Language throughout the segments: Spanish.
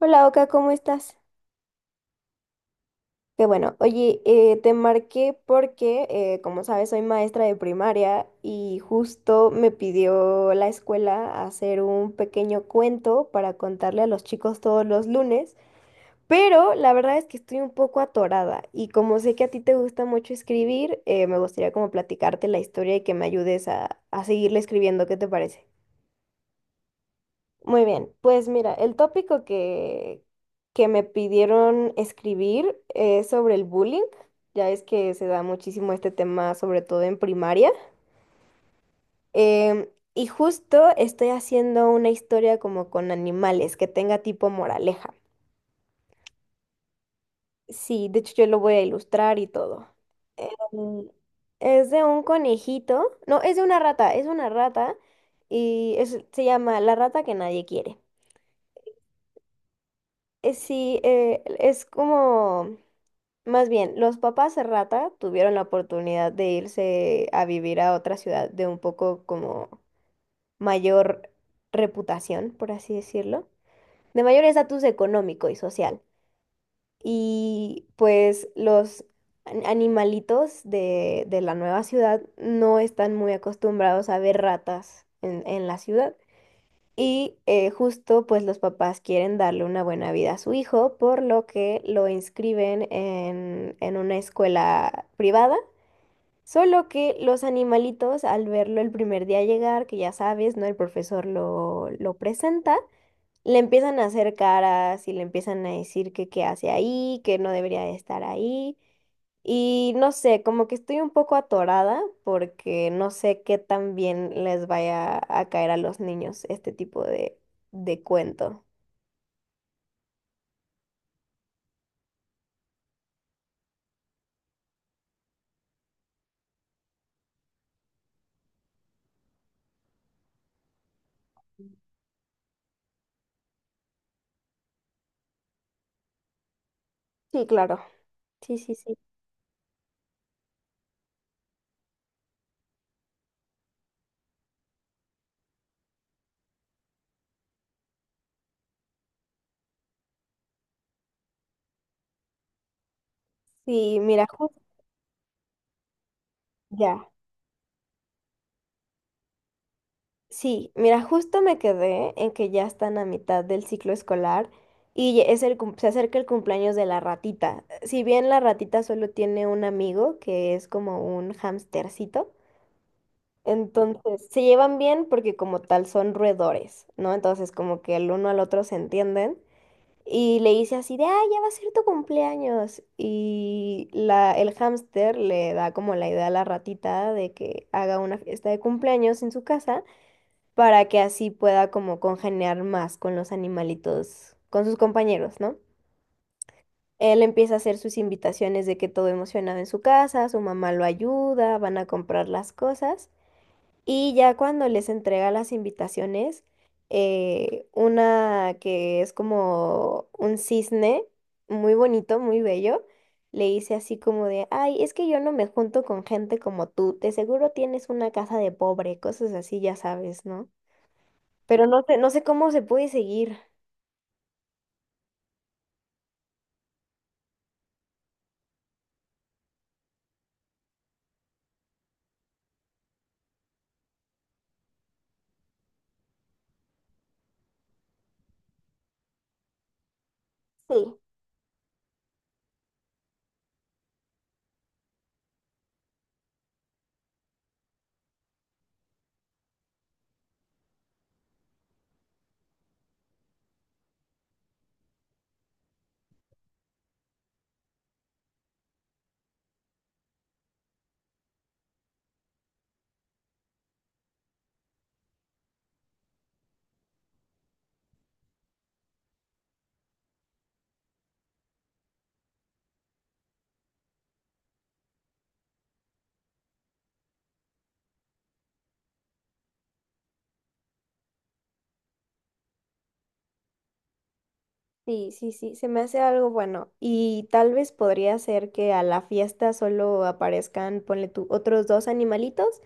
Hola Oka, ¿cómo estás? Qué bueno, oye, te marqué porque, como sabes, soy maestra de primaria y justo me pidió la escuela hacer un pequeño cuento para contarle a los chicos todos los lunes, pero la verdad es que estoy un poco atorada y como sé que a ti te gusta mucho escribir, me gustaría como platicarte la historia y que me ayudes a seguirle escribiendo, ¿qué te parece? Muy bien, pues mira, el tópico que me pidieron escribir es sobre el bullying. Ya es que se da muchísimo este tema, sobre todo en primaria. Em, y justo estoy haciendo una historia como con animales, que tenga tipo moraleja. Sí, de hecho yo lo voy a ilustrar y todo. Mm, Es de un conejito, no, es de una rata, es una rata y se llama La rata que nadie quiere. Sí, es como Más bien, los papás rata tuvieron la oportunidad de irse a vivir a otra ciudad de un poco como mayor reputación, por así decirlo, de mayor estatus económico y social. Y pues los animalitos de la nueva ciudad no están muy acostumbrados a ver ratas en la ciudad. Y justo pues los papás quieren darle una buena vida a su hijo, por lo que lo inscriben en una escuela privada. Solo que los animalitos al verlo el primer día llegar, que ya sabes, ¿no? El profesor lo presenta. Le empiezan a hacer caras y le empiezan a decir que qué hace ahí, que no debería de estar ahí. Y no sé, como que estoy un poco atorada porque no sé qué tan bien les vaya a caer a los niños este tipo de cuento. Sí, claro. Sí, sí, sí. Sí, mira, justo. Ya. Sí, mira, justo me quedé en que ya están a mitad del ciclo escolar y se acerca el cumpleaños de la ratita. Si bien la ratita solo tiene un amigo que es como un hamstercito, entonces se llevan bien porque como tal son roedores, ¿no? Entonces como que el uno al otro se entienden y le dice así de, ah, ya va a ser tu cumpleaños y el hámster le da como la idea a la ratita de que haga una fiesta de cumpleaños en su casa para que así pueda como congeniar más con los animalitos, con sus compañeros, ¿no? Él empieza a hacer sus invitaciones de que todo emocionado en su casa, su mamá lo ayuda, van a comprar las cosas y ya cuando les entrega las invitaciones, una que es como un cisne, muy bonito, muy bello, le dice así como de, ay, es que yo no me junto con gente como tú, de seguro tienes una casa de pobre, cosas así, ya sabes, ¿no? Pero no sé, no sé cómo se puede seguir. Sí. Sí, sí, sí, se me hace algo bueno. Y tal vez podría ser que a la fiesta solo aparezcan, ponle tú, otros dos animalitos,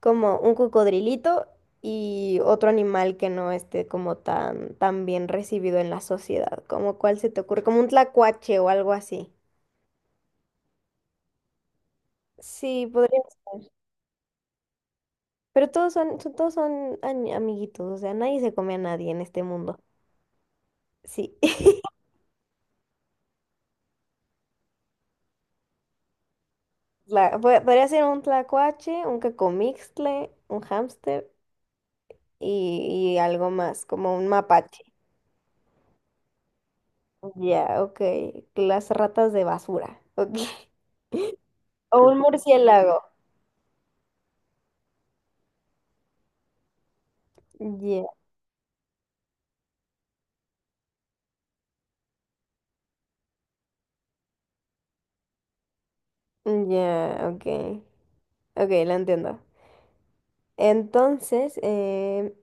como un cocodrilito y otro animal que no esté como tan, tan bien recibido en la sociedad. Como cuál se te ocurre, como un tlacuache o algo así. Sí, podría ser. Pero todos son, todos son amiguitos, o sea, nadie se come a nadie en este mundo. Sí. Podría ser un tlacuache, un cacomixtle, un hámster y algo más, como un mapache. Ya, ok. Las ratas de basura. Ok. O un murciélago. Ya, ya, ok. Ok, lo entiendo. Entonces,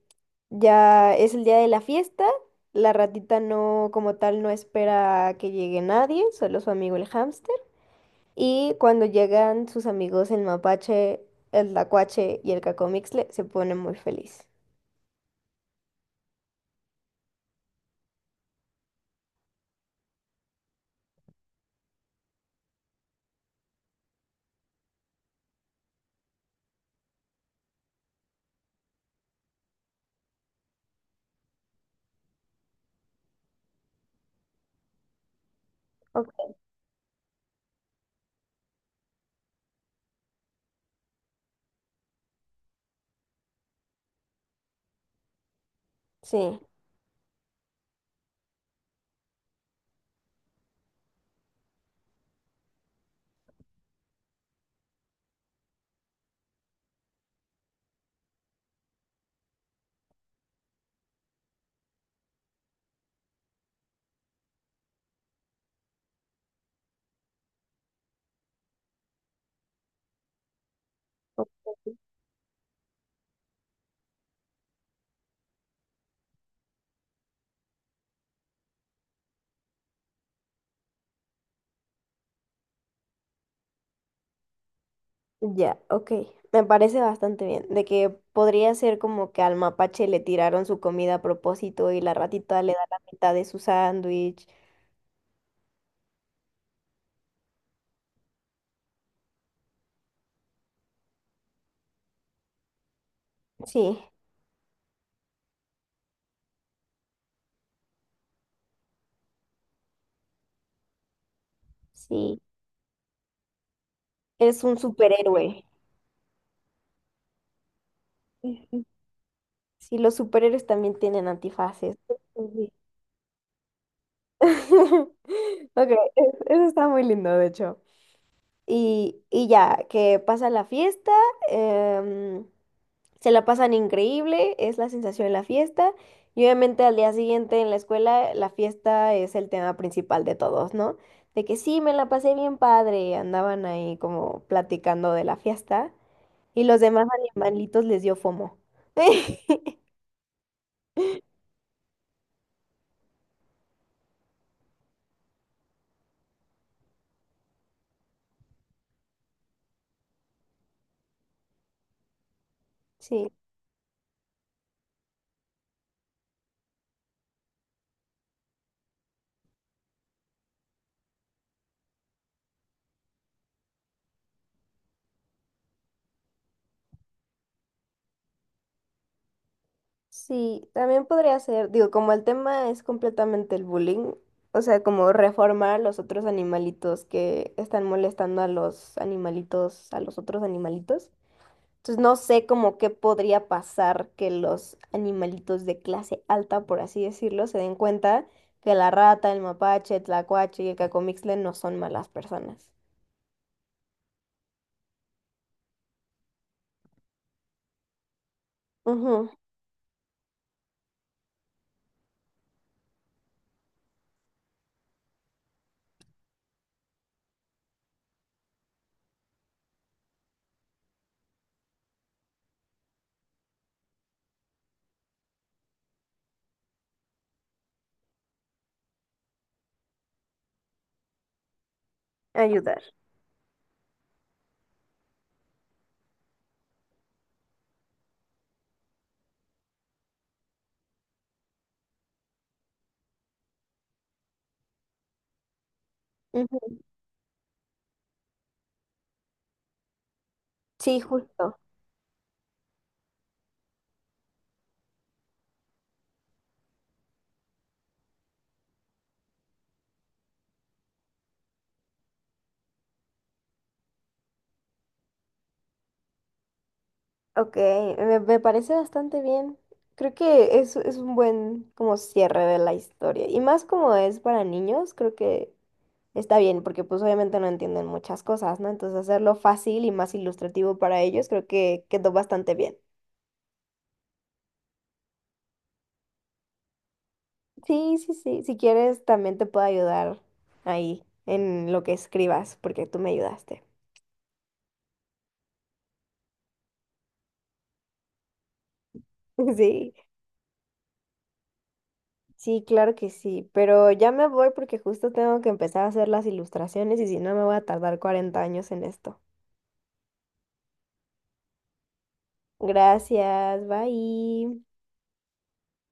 ya es el día de la fiesta. La ratita no, como tal, no espera a que llegue nadie, solo su amigo el hámster. Y cuando llegan sus amigos el mapache, el lacuache y el cacomixle, se pone muy feliz. Ok. Sí, o- ya, ok. Me parece bastante bien. De que podría ser como que al mapache le tiraron su comida a propósito y la ratita le da la mitad de su sándwich. Sí, sí. Es un superhéroe. Ujú. Sí, los superhéroes también tienen antifaces. Sí. Ok, eso está muy lindo, de hecho. Y ya, que pasa la fiesta, em, se la pasan increíble, es la sensación de la fiesta. Y obviamente al día siguiente en la escuela, la fiesta es el tema principal de todos, ¿no? De que sí, me la pasé bien padre, andaban ahí como platicando de la fiesta. Y los demás animalitos les dio FOMO. Sí. Sí, también podría ser, digo, como el tema es completamente el bullying, o sea, como reformar los otros animalitos que están molestando a los animalitos, a los otros animalitos. Entonces no sé como qué podría pasar que los animalitos de clase alta, por así decirlo, se den cuenta que la rata, el mapache, el tlacuache y el cacomixtle no son malas personas. Ujú. Ayudar. Ujú. Sí, justo. Ok, me parece bastante bien. Creo que es un buen como cierre de la historia. Y más como es para niños, creo que está bien, porque pues obviamente no entienden muchas cosas, ¿no? Entonces hacerlo fácil y más ilustrativo para ellos, creo que quedó bastante bien. Sí, sí, sí. Si quieres, también te puedo ayudar ahí en lo que escribas, porque tú me ayudaste. Sí, sí, claro que sí. Pero ya me voy porque justo tengo que empezar a hacer las ilustraciones y si no me voy a tardar 40 años en esto. Gracias, bye.